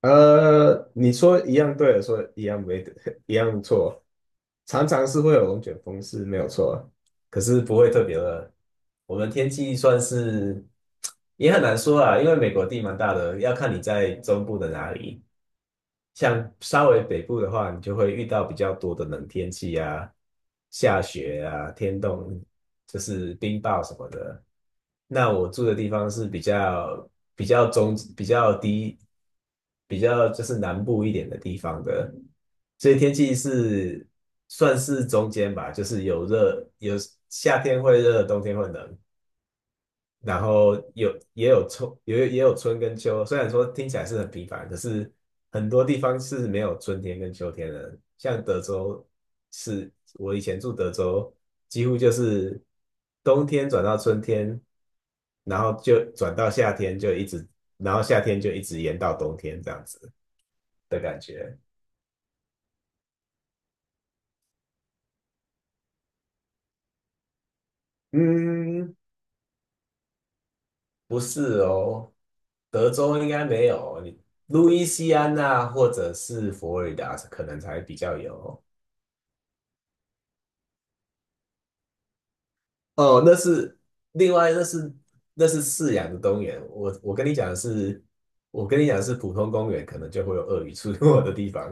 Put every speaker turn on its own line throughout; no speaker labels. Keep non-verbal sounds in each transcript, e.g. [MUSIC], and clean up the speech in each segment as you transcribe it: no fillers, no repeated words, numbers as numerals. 你说一样对，说一样没，[LAUGHS] 一样错，常常是会有龙卷风是没有错，可是不会特别的。我们天气算是也很难说啊，因为美国地蛮大的，要看你在中部的哪里。像稍微北部的话，你就会遇到比较多的冷天气啊，下雪啊，天冻，就是冰雹什么的。那我住的地方是比较中比较低，比较就是南部一点的地方的，所以天气是算是中间吧，就是有热，有夏天会热，冬天会冷，然后也有春，也有春跟秋。虽然说听起来是很平凡，可是很多地方是没有春天跟秋天的。像德州是，我以前住德州，几乎就是冬天转到春天，然后就转到夏天，就一直，然后夏天就一直延到冬天这样子的感觉。嗯，不是哦，德州应该没有，你路易斯安那或者是佛罗里达可能才比较有。哦，那是另外，那是饲养的公园。我跟你讲的是，我跟你讲的是普通公园，可能就会有鳄鱼出没的地方。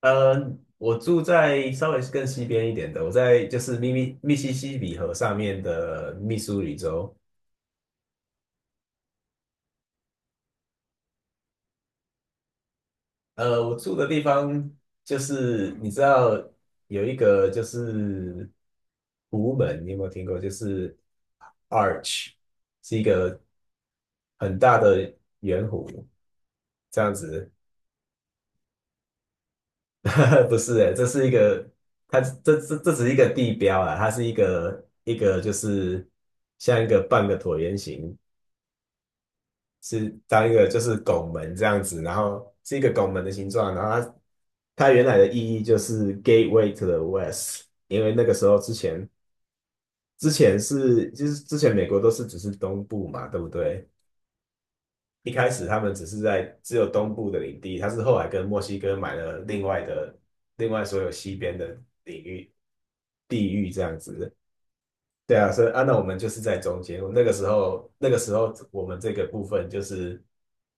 呃，我住在稍微更西边一点的，我在就是密西西比河上面的密苏里州。我住的地方就是你知道有一个就是湖门，你有没有听过？就是 Arch 是一个很大的圆弧这样子。[LAUGHS] 不是诶，这是一个，它这只是一个地标啊，它是一个就是像一个半个椭圆形，是当一个就是拱门这样子，然后是一个拱门的形状，然后它原来的意义就是 Gateway to the West，因为那个时候之前是就是之前美国都是只是东部嘛，对不对？一开始他们只是在只有东部的领地，它是后来跟墨西哥买了另外的另外所有西边的。领域。地狱这样子。对啊，所以啊，那我们就是在中间。那个时候我们这个部分就是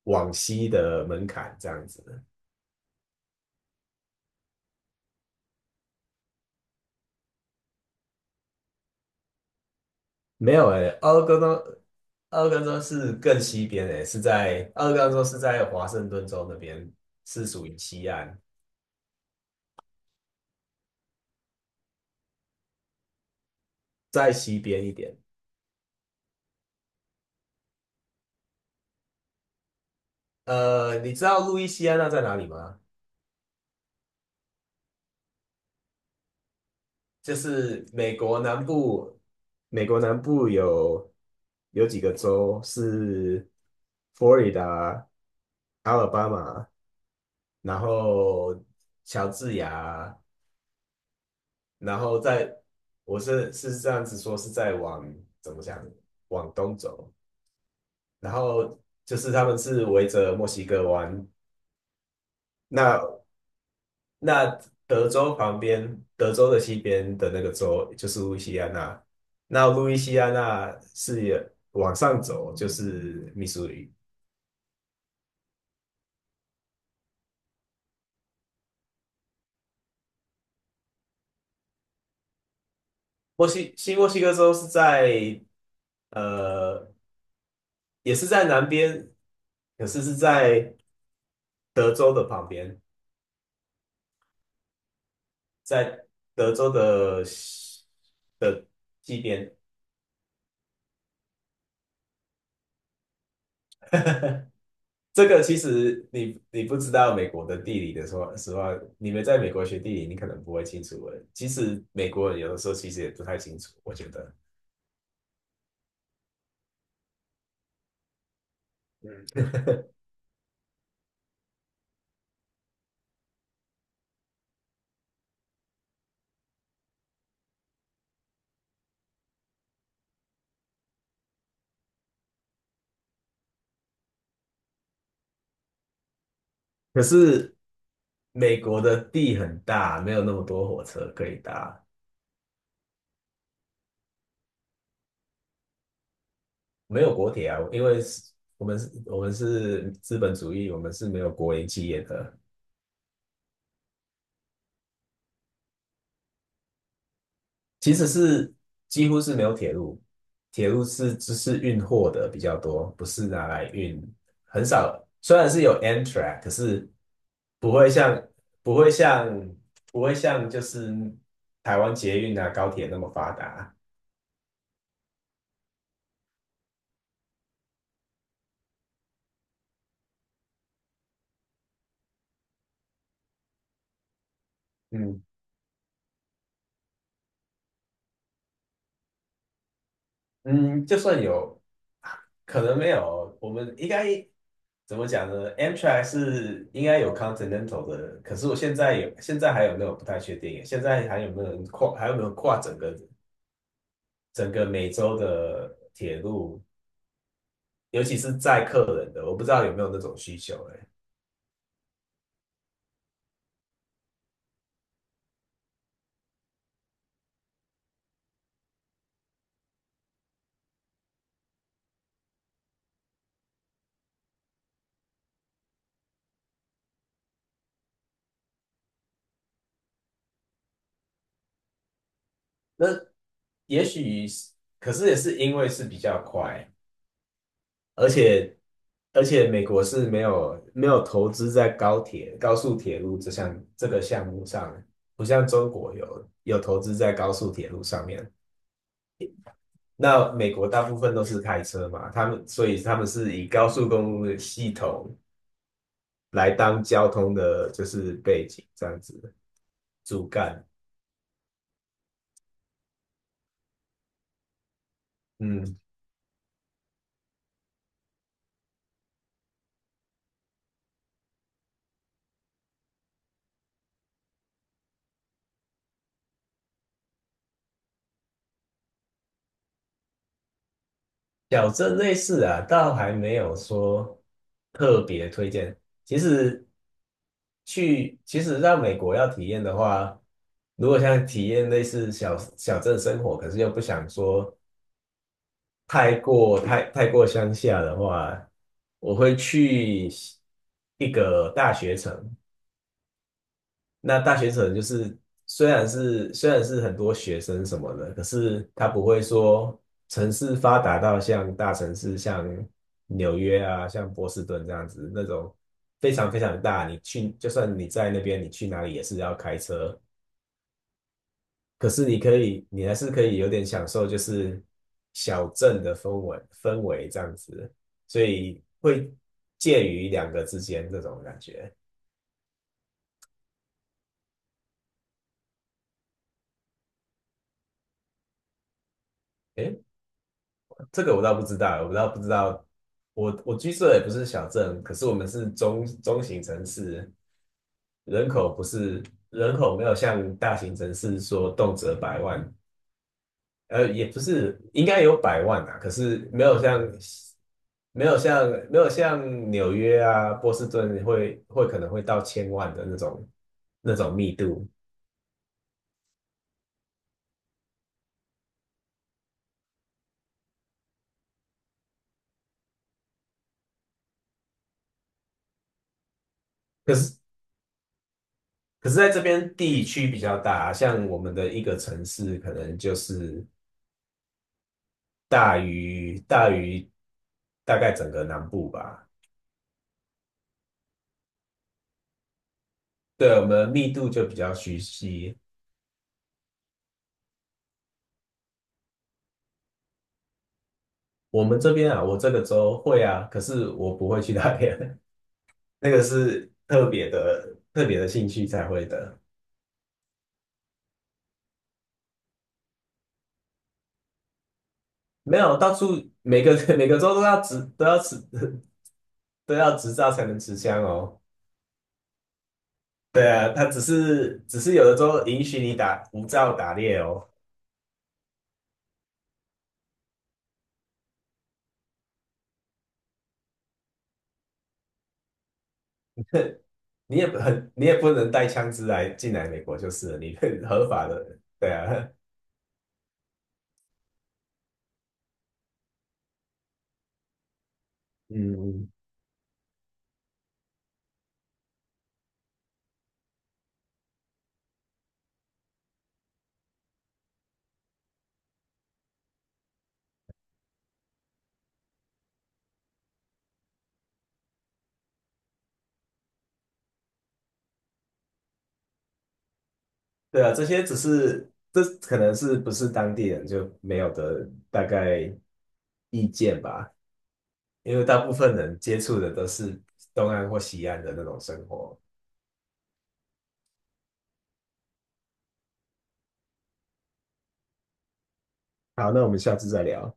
往西的门槛这样子。没有诶、欸奥勒冈州是更西边诶、欸是在奥勒冈州是在华盛顿州那边，是属于西岸，在西边一点。你知道路易斯安那在哪里吗？就是美国南部有几个州是佛罗里达、阿尔巴马，然后乔治亚，然后在我是这样子说，是在往怎么讲往东走，然后就是他们是围着墨西哥湾，那那德州旁边，德州的西边的那个州就是路易西安那，那路易西安那是往上走就是密苏里。墨西哥州是在呃，也是在南边，可是是在德州的旁边，在德州的西的西边。[LAUGHS] 这个其实你不知道美国的地理的说实话，你们在美国学地理，你可能不会清楚的。其实美国人有的时候其实也不太清楚，我觉得。嗯，可是美国的地很大，没有那么多火车可以搭。没有国铁啊，因为是我们是资本主义，我们是没有国营企业的，其实是几乎是没有铁路，铁路是只是运货的比较多，不是拿来运，很少。虽然是有 Amtrak，可是不会像不会像不会像就是台湾捷运啊高铁那么发达。嗯嗯，就算有。可能没有，我们应该怎么讲呢？Amtrak 是应该有 Continental 的，可是我现在有，现在还有没有不太确定耶。现在还有没有人跨，还有没有跨整个美洲的铁路，尤其是载客人的，我不知道有没有那种需求、欸。那也许是，可是也是因为是比较快，而且而且美国是没有投资在高铁、高速铁路这项这个项目上，不像中国有投资在高速铁路上面。那美国大部分都是开车嘛，他们所以他们是以高速公路的系统来当交通的，就是背景这样子主干。嗯，小镇类似啊，倒还没有说特别推荐。其实去，其实到美国要体验的话，如果想体验类似小镇生活，可是又不想说太过乡下的话，我会去一个大学城，那大学城就是虽然是很多学生什么的，可是他不会说城市发达到像大城市，像纽约啊，像波士顿这样子那种非常非常大。你去就算你在那边，你去哪里也是要开车，可是你可以，你还是可以有点享受就是小镇的氛围这样子，所以会介于两个之间这种感觉。诶这个我倒不知道，我倒不知道。我居住的也不是小镇，可是我们是中型城市，人口不是人口没有像大型城市说动辄百万，也不是应该有百万啊，可是没有像纽约啊、波士顿会可能会到千万的那种密度，可是可是在这边地区比较大啊，像我们的一个城市可能就是。大于大概整个南部吧。对，我们密度就比较稀稀。我们这边啊，我这个州会啊，可是我不会去那边，[LAUGHS] 那个是特别的兴趣才会的。没有，到处每个 [LAUGHS] 每个州都要执都要持 [LAUGHS] 都要执照才能持枪哦。对啊，他只是有的州允许你打无照打猎哦，[LAUGHS] 你也不很你也不能带枪支来进来美国就是了，你 [LAUGHS] 合法的。对啊，嗯，对啊，这些只是这可能是不是当地人就没有的大概意见吧，因为大部分人接触的都是东岸或西岸的那种生活。好，那我们下次再聊。